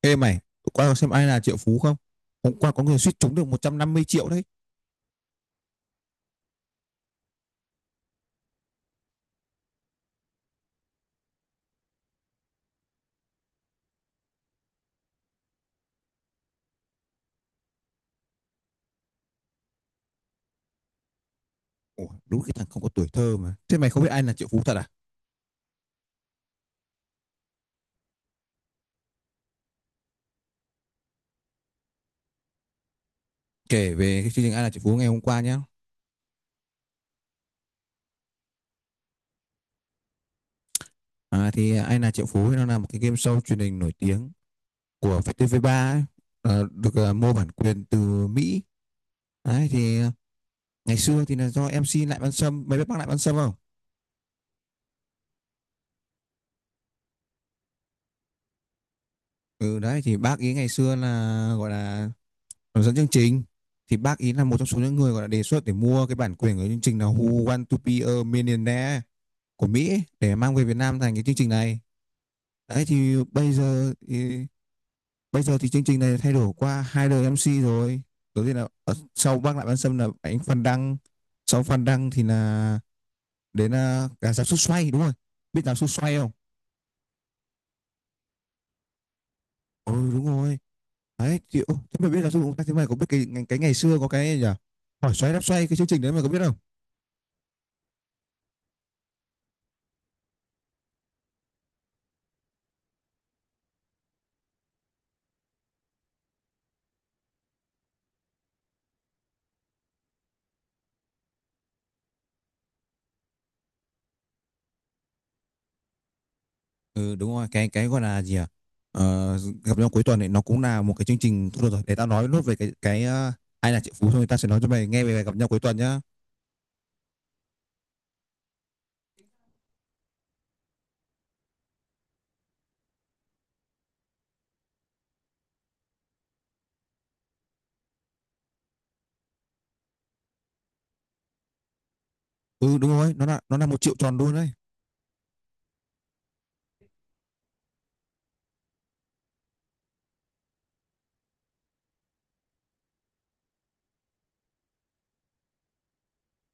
Ê mày, tụi qua có xem ai là triệu phú không? Hôm qua có người suýt trúng được 150 triệu đấy. Ủa, đúng cái thằng không có tuổi thơ mà. Thế mày không biết ai là triệu phú thật à? Kể về cái chương trình ai là triệu phú ngày hôm qua nhá. À, thì ai là triệu phú nó là một cái game show truyền hình nổi tiếng của VTV3 ấy. Được, mua bản quyền từ Mỹ. Đấy thì ngày xưa thì là do MC Lại Văn Sâm, mày biết bác Lại Văn Sâm không? Ừ, đấy thì bác ý ngày xưa là gọi là hướng dẫn chương trình, thì bác ý là một trong số những người gọi là đề xuất để mua cái bản quyền của chương trình là Who Want to Be a Millionaire của Mỹ để mang về Việt Nam thành cái chương trình này. Đấy thì bây giờ thì chương trình này thay đổi qua hai đời MC rồi. Đầu tiên là, sau bác Lại Văn Sâm là anh Phan Đăng, sau Phan Đăng thì là đến là cả giáo sư Xoay đúng rồi. Biết giáo sư Xoay không? Ừ đúng rồi. Đấy thì thế mà biết giáo sư chúng, thế mày có biết cái ngày xưa có cái gì nhỉ? Hỏi xoay đáp xoay cái chương trình đấy mày có biết không? Ừ đúng rồi, cái gọi là gì à, ờ, gặp nhau cuối tuần này nó cũng là một cái chương trình thôi. Được rồi, để tao nói nốt về cái ai là triệu phú thôi. Tao sẽ nói cho mày nghe về bài gặp nhau cuối tuần nhá. Ừ đúng rồi, nó là 1 triệu tròn luôn đấy.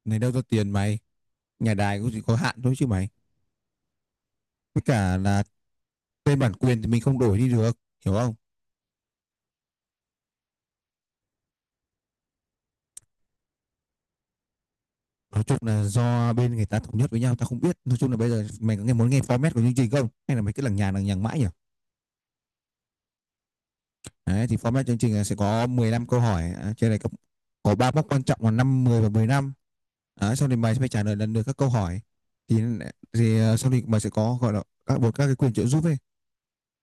Này đâu ra tiền mày, nhà đài cũng chỉ có hạn thôi chứ mày. Với cả là tên bản quyền thì mình không đổi đi được, hiểu không? Nói chung là do bên người ta thống nhất với nhau, tao không biết. Nói chung là bây giờ mày có muốn nghe format của chương trình không, hay là mày cứ lằng nhằng mãi nhỉ? Đấy thì format chương trình là sẽ có 15 câu hỏi, à trên này có ba mốc quan trọng là năm 10 và 15. Đấy, sau thì mày sẽ phải trả lời lần lượt các câu hỏi thì sau thì mày sẽ có gọi là các một các cái quyền trợ giúp ấy.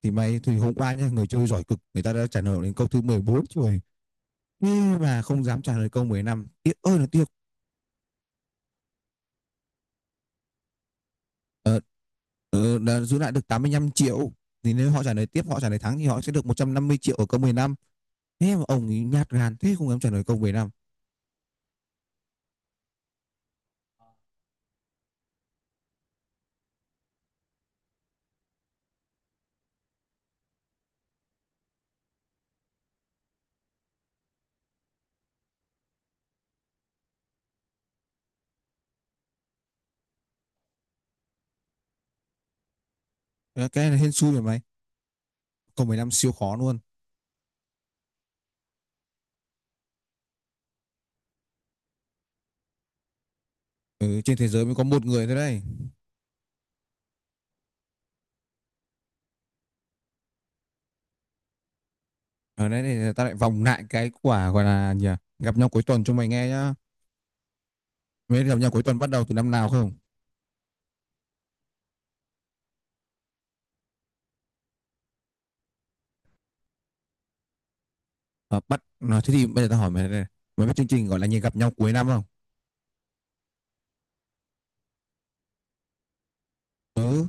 Thì hôm qua nhá, người chơi giỏi cực, người ta đã trả lời đến câu thứ 14 rồi nhưng mà không dám trả lời câu 15, tiếc ơi là tiếc. ờ, đã giữ lại được 85 triệu, thì nếu họ trả lời tiếp, họ trả lời thắng thì họ sẽ được 150 triệu ở câu 15. Thế mà ông ấy nhát gan thế, không dám trả lời câu 15. Ờ, cái này hên xui rồi mày, câu 15 siêu khó luôn. Ừ, trên thế giới mới có một người thôi đấy. Đấy thì ta lại vòng lại cái quả gọi là gì à? Gặp nhau cuối tuần cho mày nghe nhá. Mới gặp nhau cuối tuần bắt đầu từ năm nào không? à, bắt Thế thì bây giờ ta hỏi mày đây này. Mày biết chương trình gọi là gì, gặp nhau cuối năm không? Ừ.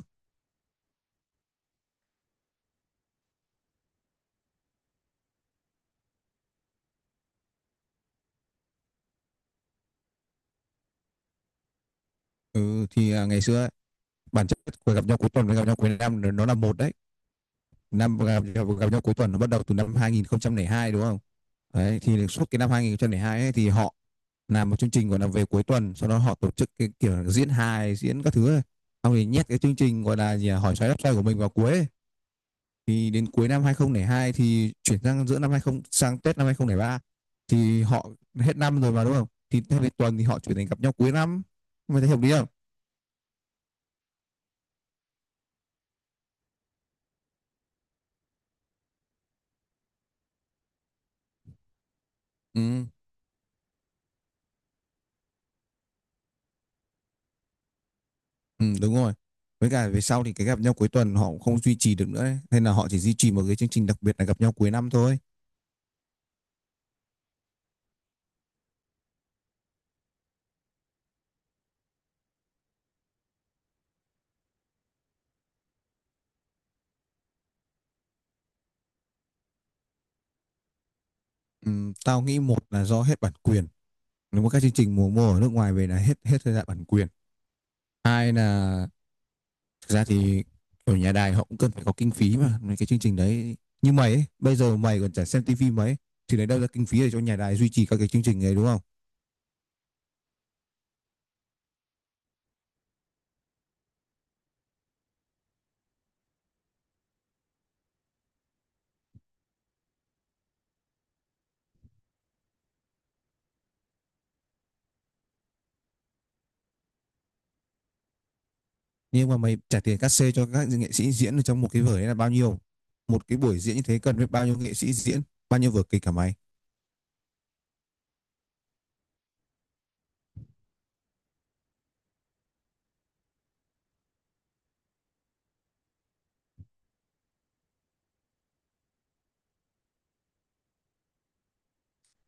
Ừ thì ngày xưa ấy, bản chất của gặp nhau cuối tuần với gặp nhau cuối năm nó là một đấy. Năm gặp, gặp, nhau cuối tuần nó bắt đầu từ năm 2002 đúng không? Đấy thì suốt cái năm 2002 ấy, thì họ làm một chương trình gọi là về cuối tuần, sau đó họ tổ chức cái kiểu diễn hài diễn các thứ ấy. Xong thì nhét cái chương trình gọi là gì à, hỏi xoáy đáp xoay của mình vào cuối ấy. Thì đến cuối năm 2002 thì chuyển sang giữa năm 20, sang Tết năm 2003, thì họ hết năm rồi mà đúng không? Thì theo cái tuần thì họ chuyển thành gặp nhau cuối năm. Mày thấy hợp lý không? Ừ. Ừ đúng rồi. Với cả về sau thì cái gặp nhau cuối tuần họ cũng không duy trì được nữa ấy. Nên là họ chỉ duy trì một cái chương trình đặc biệt là gặp nhau cuối năm thôi. Ừ, tao nghĩ một là do hết bản quyền. Nếu mà các chương trình mùa mùa ở nước ngoài về là hết hết thời gian bản quyền. Hai là. Thực ra thì ở nhà đài họ cũng cần phải có kinh phí mà mấy cái chương trình đấy, như mày ấy, bây giờ mày còn chả xem tivi mấy thì lấy đâu ra kinh phí để cho nhà đài duy trì các cái chương trình ấy, đúng không? Nhưng mà mày trả tiền cát xê cho các nghệ sĩ diễn ở trong một cái vở đấy là bao nhiêu? Một cái buổi diễn như thế cần biết bao nhiêu nghệ sĩ diễn, bao nhiêu vở kịch cả mày.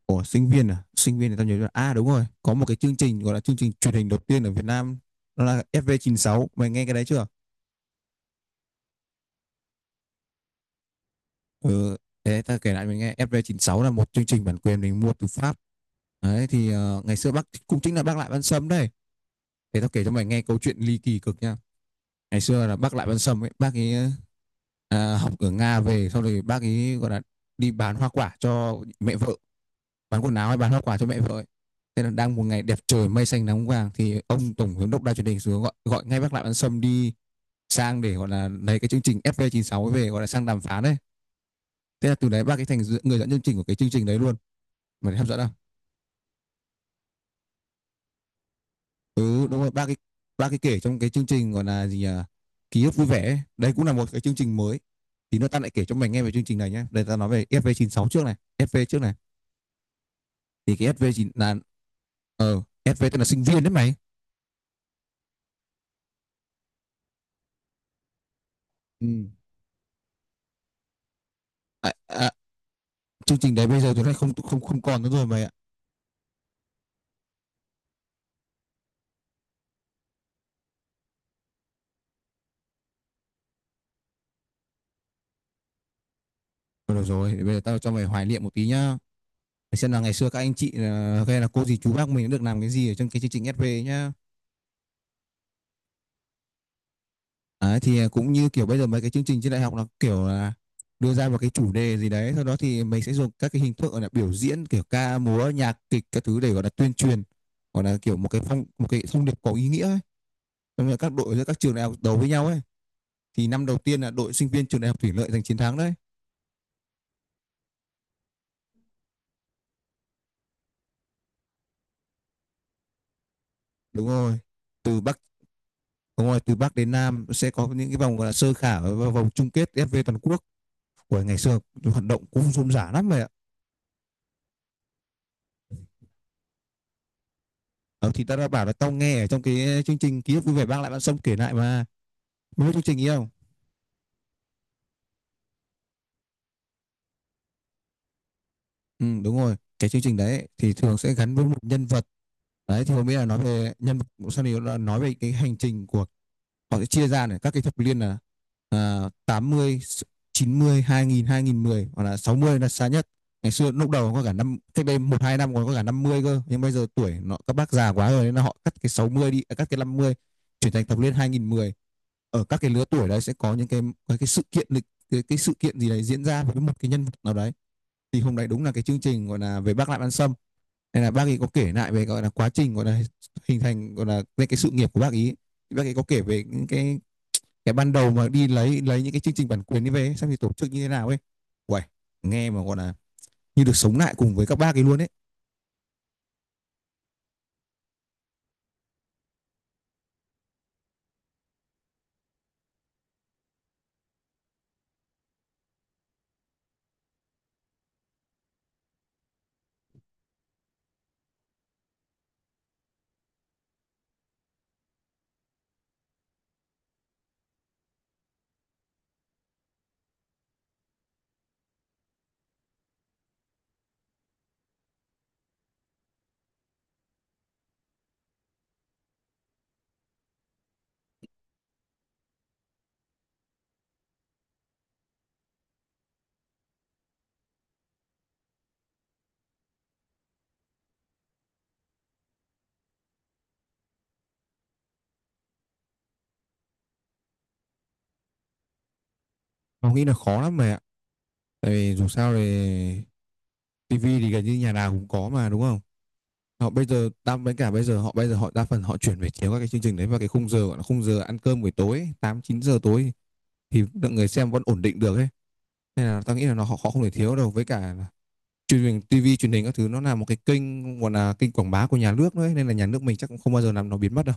Ủa, sinh viên à, sinh viên thì tao nhớ là, đúng rồi, có một cái chương trình gọi là chương trình truyền hình đầu tiên ở Việt Nam, nó là FV96, mày nghe cái đấy chưa? Ừ, thế ta kể lại mình nghe. FV96 là một chương trình bản quyền mình mua từ Pháp. Đấy thì ngày xưa bác cũng chính là bác Lại Văn Sâm đây. Để tao kể cho mày nghe câu chuyện ly kỳ cực nha. Ngày xưa là bác Lại Văn Sâm ấy, bác ấy học ở Nga về. Sau rồi bác ấy gọi là đi bán hoa quả cho mẹ vợ, bán quần áo hay bán hoa quả cho mẹ vợ ấy. Thế là đang một ngày đẹp trời mây xanh nắng vàng thì ông tổng giám đốc Đài truyền hình xuống gọi gọi ngay bác Lại Văn Sâm đi sang để gọi là lấy cái chương trình FV96 ấy về, gọi là sang đàm phán đấy. Thế là từ đấy bác ấy thành người dẫn chương trình của cái chương trình đấy luôn. Mày thấy hấp dẫn không? Ừ đúng rồi, ba cái kể trong cái chương trình gọi là gì nhỉ, ký ức vui vẻ ấy. Đấy cũng là một cái chương trình mới. Thì nữa ta lại kể cho mày nghe về chương trình này nhé. Đây ta nói về FV96 trước này, FV trước này. Thì cái FV9 là, FV tên là sinh viên đấy mày. Ừ. à, à, Chương trình đấy bây giờ tụi này không không không còn nữa rồi mày ạ. Thôi được rồi, bây giờ tao cho mày hoài niệm một tí nhá, để xem là ngày xưa các anh chị, hay là cô dì chú bác mình đã được làm cái gì ở trong cái chương trình FV nhá. Đấy, thì cũng như kiểu bây giờ mấy cái chương trình trên đại học, nó kiểu là đưa ra một cái chủ đề gì đấy, sau đó thì mình sẽ dùng các cái hình thức gọi là biểu diễn kiểu ca múa nhạc kịch các thứ để gọi là tuyên truyền, gọi là kiểu một cái thông điệp có ý nghĩa ấy. Xong rồi các đội giữa các trường đại học đấu với nhau ấy, thì năm đầu tiên là đội sinh viên trường đại học Thủy Lợi giành chiến thắng đấy. đúng rồi từ bắc Đúng rồi, từ bắc đến nam sẽ có những cái vòng gọi là sơ khảo và vòng chung kết FV toàn quốc. Của ngày xưa hoạt động cũng rôm rả lắm vậy ạ. Ờ, thì ta đã bảo là tao nghe ở trong cái chương trình ký ức vui vẻ mang lại bạn sông kể lại mà. Mới biết chương trình ý không? Ừ đúng rồi, cái chương trình đấy thì thường sẽ gắn với một nhân vật. Đấy thì hôm ấy là nói về nhân vật, sau này là nói về cái hành trình của họ. Sẽ chia ra này, các cái thập niên là, tám mươi, chín mươi, hai nghìn, hai nghìn mười, hoặc là 60 là xa nhất. Ngày xưa lúc đầu có cả năm, cách đây một hai năm còn có cả 50 cơ, nhưng bây giờ tuổi nó các bác già quá rồi nên là họ cắt cái 60 đi, cắt cái năm mươi, chuyển thành thập niên hai nghìn mười. Ở các cái lứa tuổi đấy sẽ có những cái, cái sự kiện lịch cái sự kiện gì đấy diễn ra với một cái nhân vật nào đấy. Thì hôm đấy đúng là cái chương trình gọi là về bác Lại Ăn Sâm, nên là bác ấy có kể lại về gọi là quá trình gọi là hình thành gọi là cái sự nghiệp của bác ấy. Thì bác ấy có kể về những cái ban đầu mà đi lấy những cái chương trình bản quyền đi về xem thì tổ chức như thế nào ấy. Uầy, nghe mà gọi là như được sống lại cùng với các bác ấy luôn ấy. Nó nghĩ là khó lắm mày ạ, tại vì dù sao thì tivi thì gần như nhà nào cũng có mà, đúng không? Họ bây giờ đa với cả bây giờ họ Bây giờ họ đa phần họ chuyển về chiếu các cái chương trình đấy vào cái khung giờ gọi là khung giờ ăn cơm buổi tối, 8, 9 giờ tối, thì lượng người xem vẫn ổn định được ấy. Nên là tao nghĩ là họ không thể thiếu đâu. Với cả truyền hình, TV truyền hình các thứ nó là một cái kênh gọi là kênh quảng bá của nhà nước đấy, nên là nhà nước mình chắc cũng không bao giờ làm nó biến mất đâu.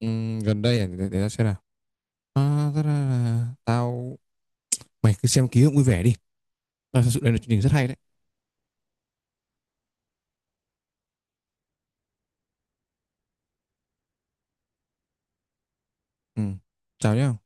Gần đây à, để tao xem nào. À, ra là tao, mày cứ xem ký ức vui vẻ đi. À, thật sự đây là chương trình rất hay đấy. Ừ. Chào nhá.